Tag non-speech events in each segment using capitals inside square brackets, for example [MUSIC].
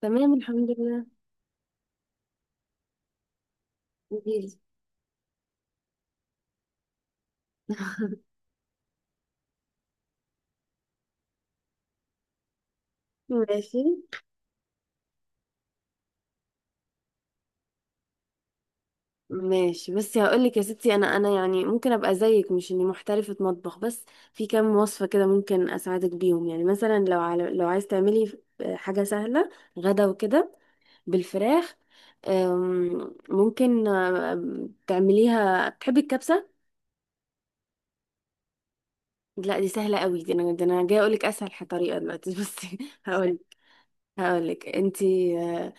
تمام، الحمد لله. قوليلي. ماشي، ماشي. بس هقولك يا ستي، انا يعني ممكن ابقى زيك، مش اني محترفة مطبخ. بس في كام وصفة كده ممكن اساعدك بيهم، يعني مثلا لو عايز تعملي حاجة سهلة غدا وكده، بالفراخ. ممكن تعمليها، بتحبي الكبسة؟ لا، دي سهلة قوي، دي انا جايه اقولك اسهل طريقة دلوقتي [LAUGHS] بس هقول هقولك انتي، آه،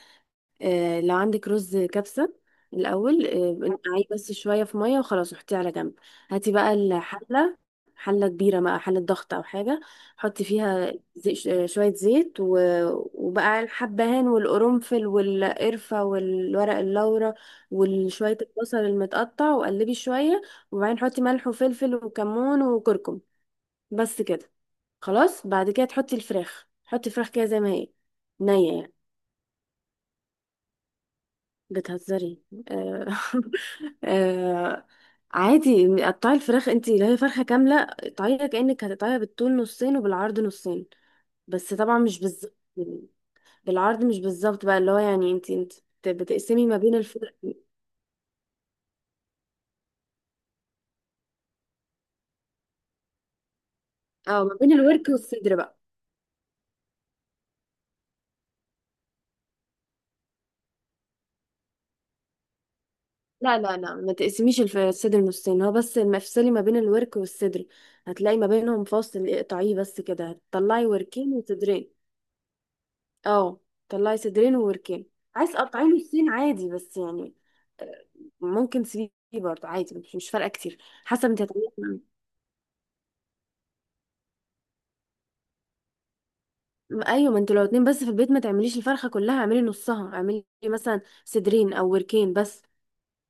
آه، لو عندك رز كبسة، الأول نقعيه بس شوية في مية وخلاص، وحطيه على جنب. هاتي بقى الحلة، حلة كبيرة بقى، حلة ضغط أو حاجة. حطي فيها زي شوية زيت وبقى الحبهان والقرنفل والقرفة والورق اللورا، وشوية البصل المتقطع وقلبي شوية. وبعدين حطي ملح وفلفل وكمون وكركم، بس كده. خلاص بعد كده تحطي الفراخ، حطي الفراخ كده زي ما هي، نية يعني. بتهزري؟ آه [LAUGHS] آه. عادي، قطعي الفراخ انت، اللي هي فرخة كاملة، قطعيها كأنك هتقطعيها بالطول نصين وبالعرض نصين، بس طبعا مش بالظبط. بالعرض مش بالظبط بقى، اللي هو يعني انت بتقسمي ما بين الفرق. اه، ما بين الورك والصدر بقى. لا، لا، لا، ما تقسميش الصدر نصين، هو بس ما افصلي ما بين الورك والصدر، هتلاقي ما بينهم فاصل، اقطعيه بس كده هتطلعي وركين وصدرين. اه، طلعي صدرين ووركين. عايز تقطعي له السين عادي بس يعني، آه، ممكن سي برضه، عادي مش فارقه كتير. حسب انت هتعملي. ايوه، ما انتوا لو اتنين بس في البيت ما تعمليش الفرخه كلها، اعملي نصها، اعملي مثلا صدرين او وركين بس،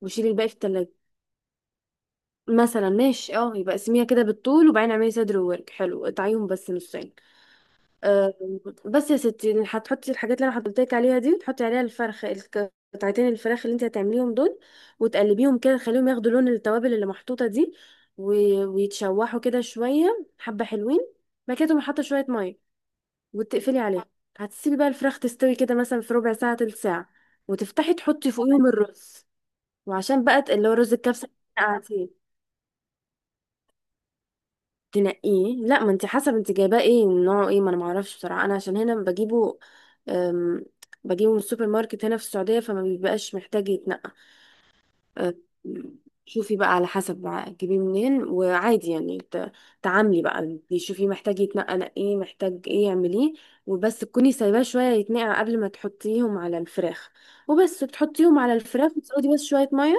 وشيلي الباقي في التلاجة. مثلا، ماشي. اه، يبقى اقسميها كده بالطول وبعدين اعملي صدر وورك، حلو، اقطعيهم بس نصين. آه، بس يا ستي هتحطي الحاجات اللي انا حطيتلك عليها دي، وتحطي عليها الفرخ، قطعتين الفراخ اللي انت هتعمليهم دول، وتقلبيهم كده تخليهم ياخدوا لون التوابل اللي محطوطه دي، ويتشوحوا كده شويه حبه حلوين. بعد كده تقومي حاطه شويه ميه وتقفلي عليها، هتسيبي بقى الفراخ تستوي كده مثلا في ربع ساعه تلت ساعه، وتفتحي تحطي فوقيهم الرز. وعشان بقى اللي هو رز الكبسه، اللي تنقيه، لا، ما انت حسب انت جايباه ايه نوعه ايه، ما انا ما اعرفش بصراحه، انا عشان هنا بجيبه، أم، بجيبه من السوبر ماركت هنا في السعوديه، فما بيبقاش محتاج يتنقى. أم، شوفي بقى على حسب بقى تجيبيه منين، وعادي يعني تعاملي بقى، شوفي محتاج يتنقى نقيه، محتاج ايه اعمليه. وبس تكوني سايباه شويه يتنقع قبل ما تحطيهم على الفراخ، وبس بتحطيهم على الفراخ وتزودي بس شويه ميه.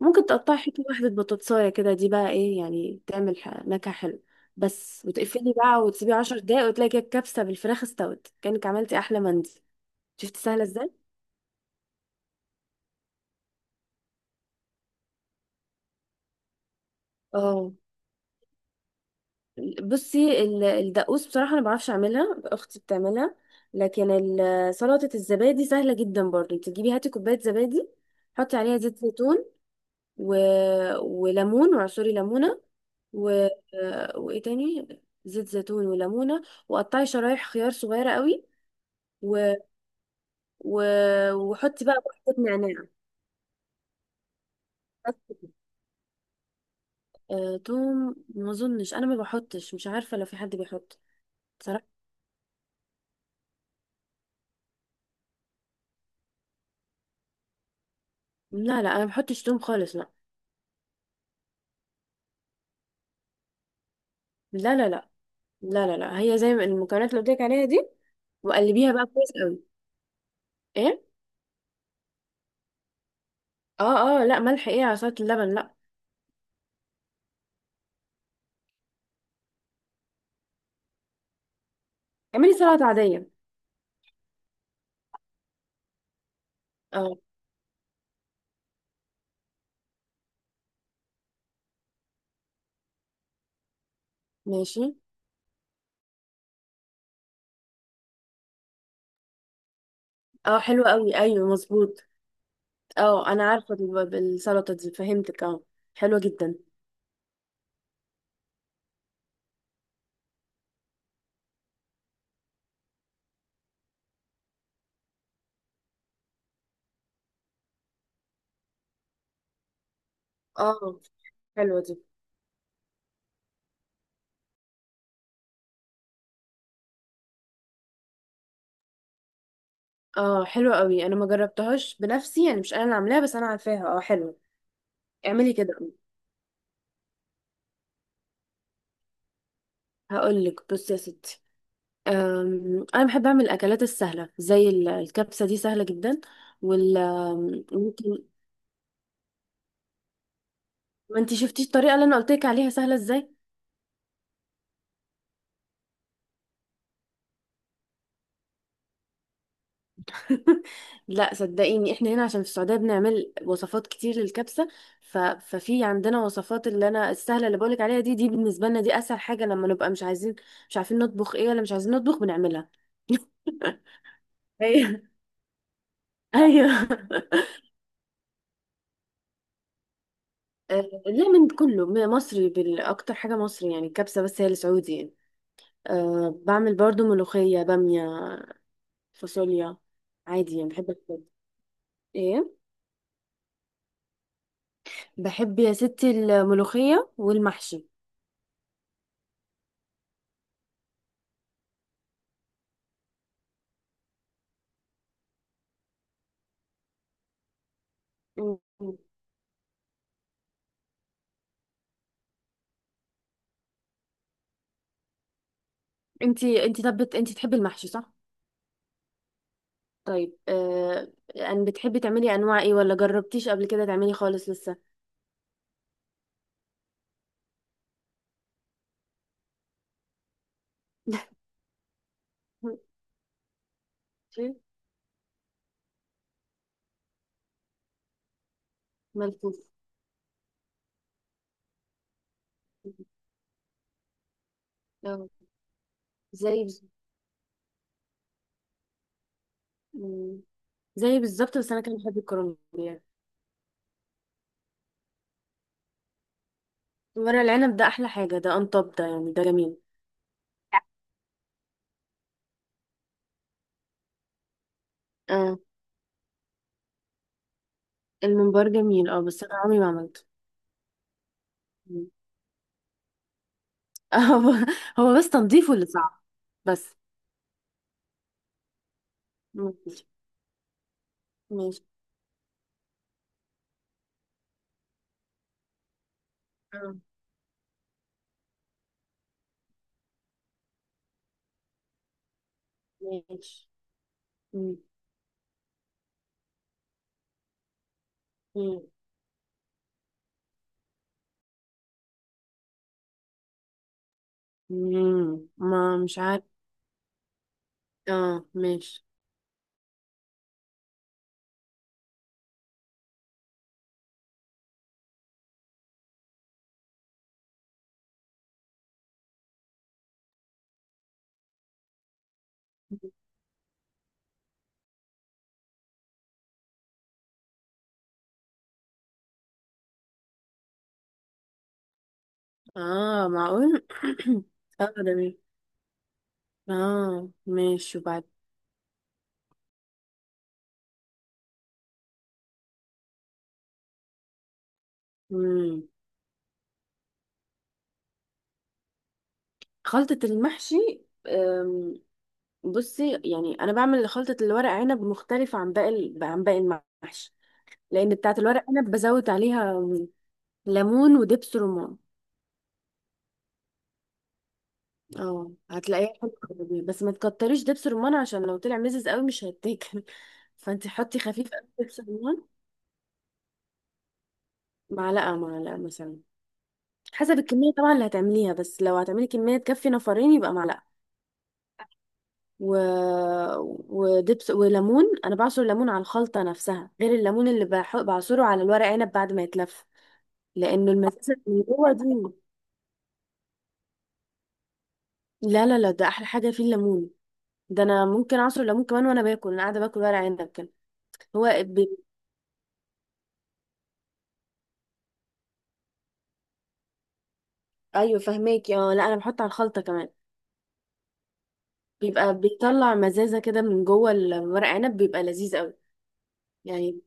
ممكن تقطعي حتة واحدة بطاطساية كده، دي بقى ايه يعني، تعمل نكهة حلوة بس، وتقفلي بقى وتسيبيه 10 دقايق، وتلاقي كده الكبسة بالفراخ استوت كأنك عملتي أحلى مندي. شفتي سهلة ازاي؟ اه. بصي، الدقوس بصراحة أنا معرفش أعملها، أختي بتعملها، لكن سلطة الزبادي سهلة جدا برضه. انت تجيبي هاتي كوباية زبادي، حطي عليها زيت زيتون و... وليمون، وعصري ليمونة و... وإيه تاني، زيت زيتون وليمونة، وقطعي شرايح خيار صغيرة قوي و... و... وحطي بقى، بحط نعناع، بس كده. توم ما اظنش، انا ما بحطش، مش عارفه لو في حد بيحط، صراحه. لا، لا، انا ما بحطش توم خالص، لا، لا، لا، لا، لا، لا، لا، هي زي ما المكونات اللي قلت لك عليها دي، وقلبيها بقى كويس قوي. ايه؟ اه، اه، لا ملح ايه على سلطه اللبن، لا. اعملي سلطه عاديه. اه، ماشي. اه، حلوه قوي، ايوه مظبوط. اه، انا عارفه السلطه دي، فهمتك، اه، حلوه جدا. اه، حلوه دي. اه، حلوة قوي، انا ما جربتهاش بنفسي، يعني مش انا اللي عاملاها، بس انا عارفاها، اه، حلوة. اعملي كده. هقول لك، بصي يا ستي، انا بحب اعمل الاكلات السهله زي الكبسه دي، سهله جدا. وال أم، ممكن ما انتي شفتيش الطريقه اللي انا قلت لك عليها سهله ازاي [LAUGHS] لا صدقيني، احنا هنا عشان في السعوديه بنعمل وصفات كتير للكبسه، ففي عندنا وصفات، اللي انا السهله اللي بقولك عليها دي، دي بالنسبه لنا دي اسهل حاجه لما نبقى مش عايزين، مش عارفين نطبخ ايه ولا مش عايزين نطبخ بنعملها. [LAUGHS] ايوه [LAUGHS] لا، من كله مصري، اكتر حاجه مصري، يعني الكبسه بس هي السعودي يعني. أه، بعمل برضو ملوخيه، باميه، فاصوليا. عادي يعني بحب الكل. ايه؟ بحب يا ستي الملوخيه والمحشي. م- م. انتي طب انتي تحبي المحشي، صح؟ طيب، ان بتحبي تعملي انواع ايه، ولا جربتيش قبل كده تعملي خالص لسه؟ [LAUGHS] شيء ملفوف. آه، زي بز- م. زي بالظبط، بس انا كان بحب الكرنب يعني. ورق العنب ده احلى حاجه، ده انطب ده يعني، ده جميل. اه. الممبار جميل اه، بس انا عمري ما عملته. مم. [LAUGHS] هو هو بس تنظيفه اللي صعب. بس، ماشي، ماشي. اه، ماشي. مم. مم. مم، ما مش عارف. اه، ماشي. اه، معقول [COUGHS] [CLEARS THROAT] اه، جميل. اه، ماشي وبعد. مم. خلطة المحشي، أم، بصي يعني انا بعمل خلطة الورق عنب مختلفة عن باقي المحشي، لان بتاعه الورق عنب بزود عليها ليمون ودبس رمان. اه، هتلاقيها حلوه أوي. بس ما تكتريش دبس رمان، عشان لو طلع مزز قوي مش هيتاكل. [LAUGHS] فانت حطي خفيف قوي دبس رمان، معلقه معلقه مثلا. حسب الكميه طبعا اللي هتعمليها، بس لو هتعملي كميه تكفي نفرين يبقى معلقه. و... ودبس وليمون، انا بعصر ليمون على الخلطه نفسها، غير الليمون اللي بعصره على الورق عنب بعد ما يتلف. لانه المزازه اللي جوه دي، لا، لا، لا، ده احلى حاجه فيه الليمون، ده انا ممكن اعصر ليمون كمان وانا باكل، انا قاعده باكل ورق عنب كده. هو بي... ايوه فهماك، اه، لا انا بحط على الخلطه كمان. بيبقى بيطلع مزازه كده من جوه الورق عنب، بيبقى لذيذ قوي. يعني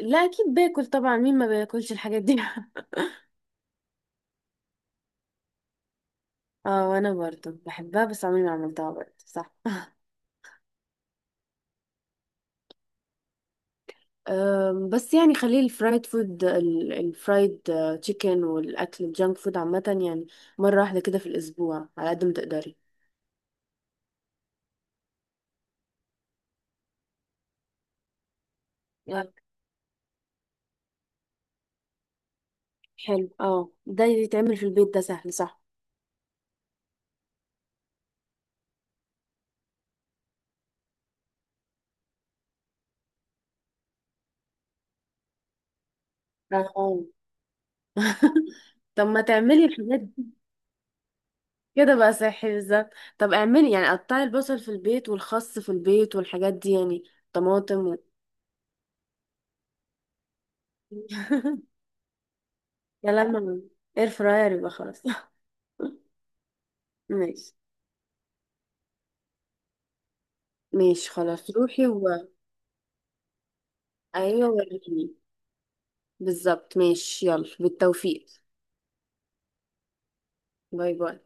لا، اكيد باكل طبعا، مين ما بياكلش الحاجات دي [LAUGHS] اه، وانا برضه بحبها بس عمري ما عملتها، برضه صح. بس يعني خليه الفرايد فود، ال- الفرايد آه، تشيكن، والاكل الجانك فود عامه، يعني مره واحده كده في الاسبوع على قد ما تقدري. آه، حلو. اه، ده يتعمل في البيت، ده سهل صح. اه [LAUGHS] طب ما تعملي الحاجات دي كده بقى صحي بالظبط. طب اعملي يعني قطعي البصل في البيت والخس في البيت والحاجات دي، يعني طماطم [LAUGHS] يا لما اير فراير يبقى خلاص [LAUGHS] ماشي، ماشي، خلاص روحي و، ايوه وريني بالظبط، ماشي، يلا بالتوفيق. باي، باي.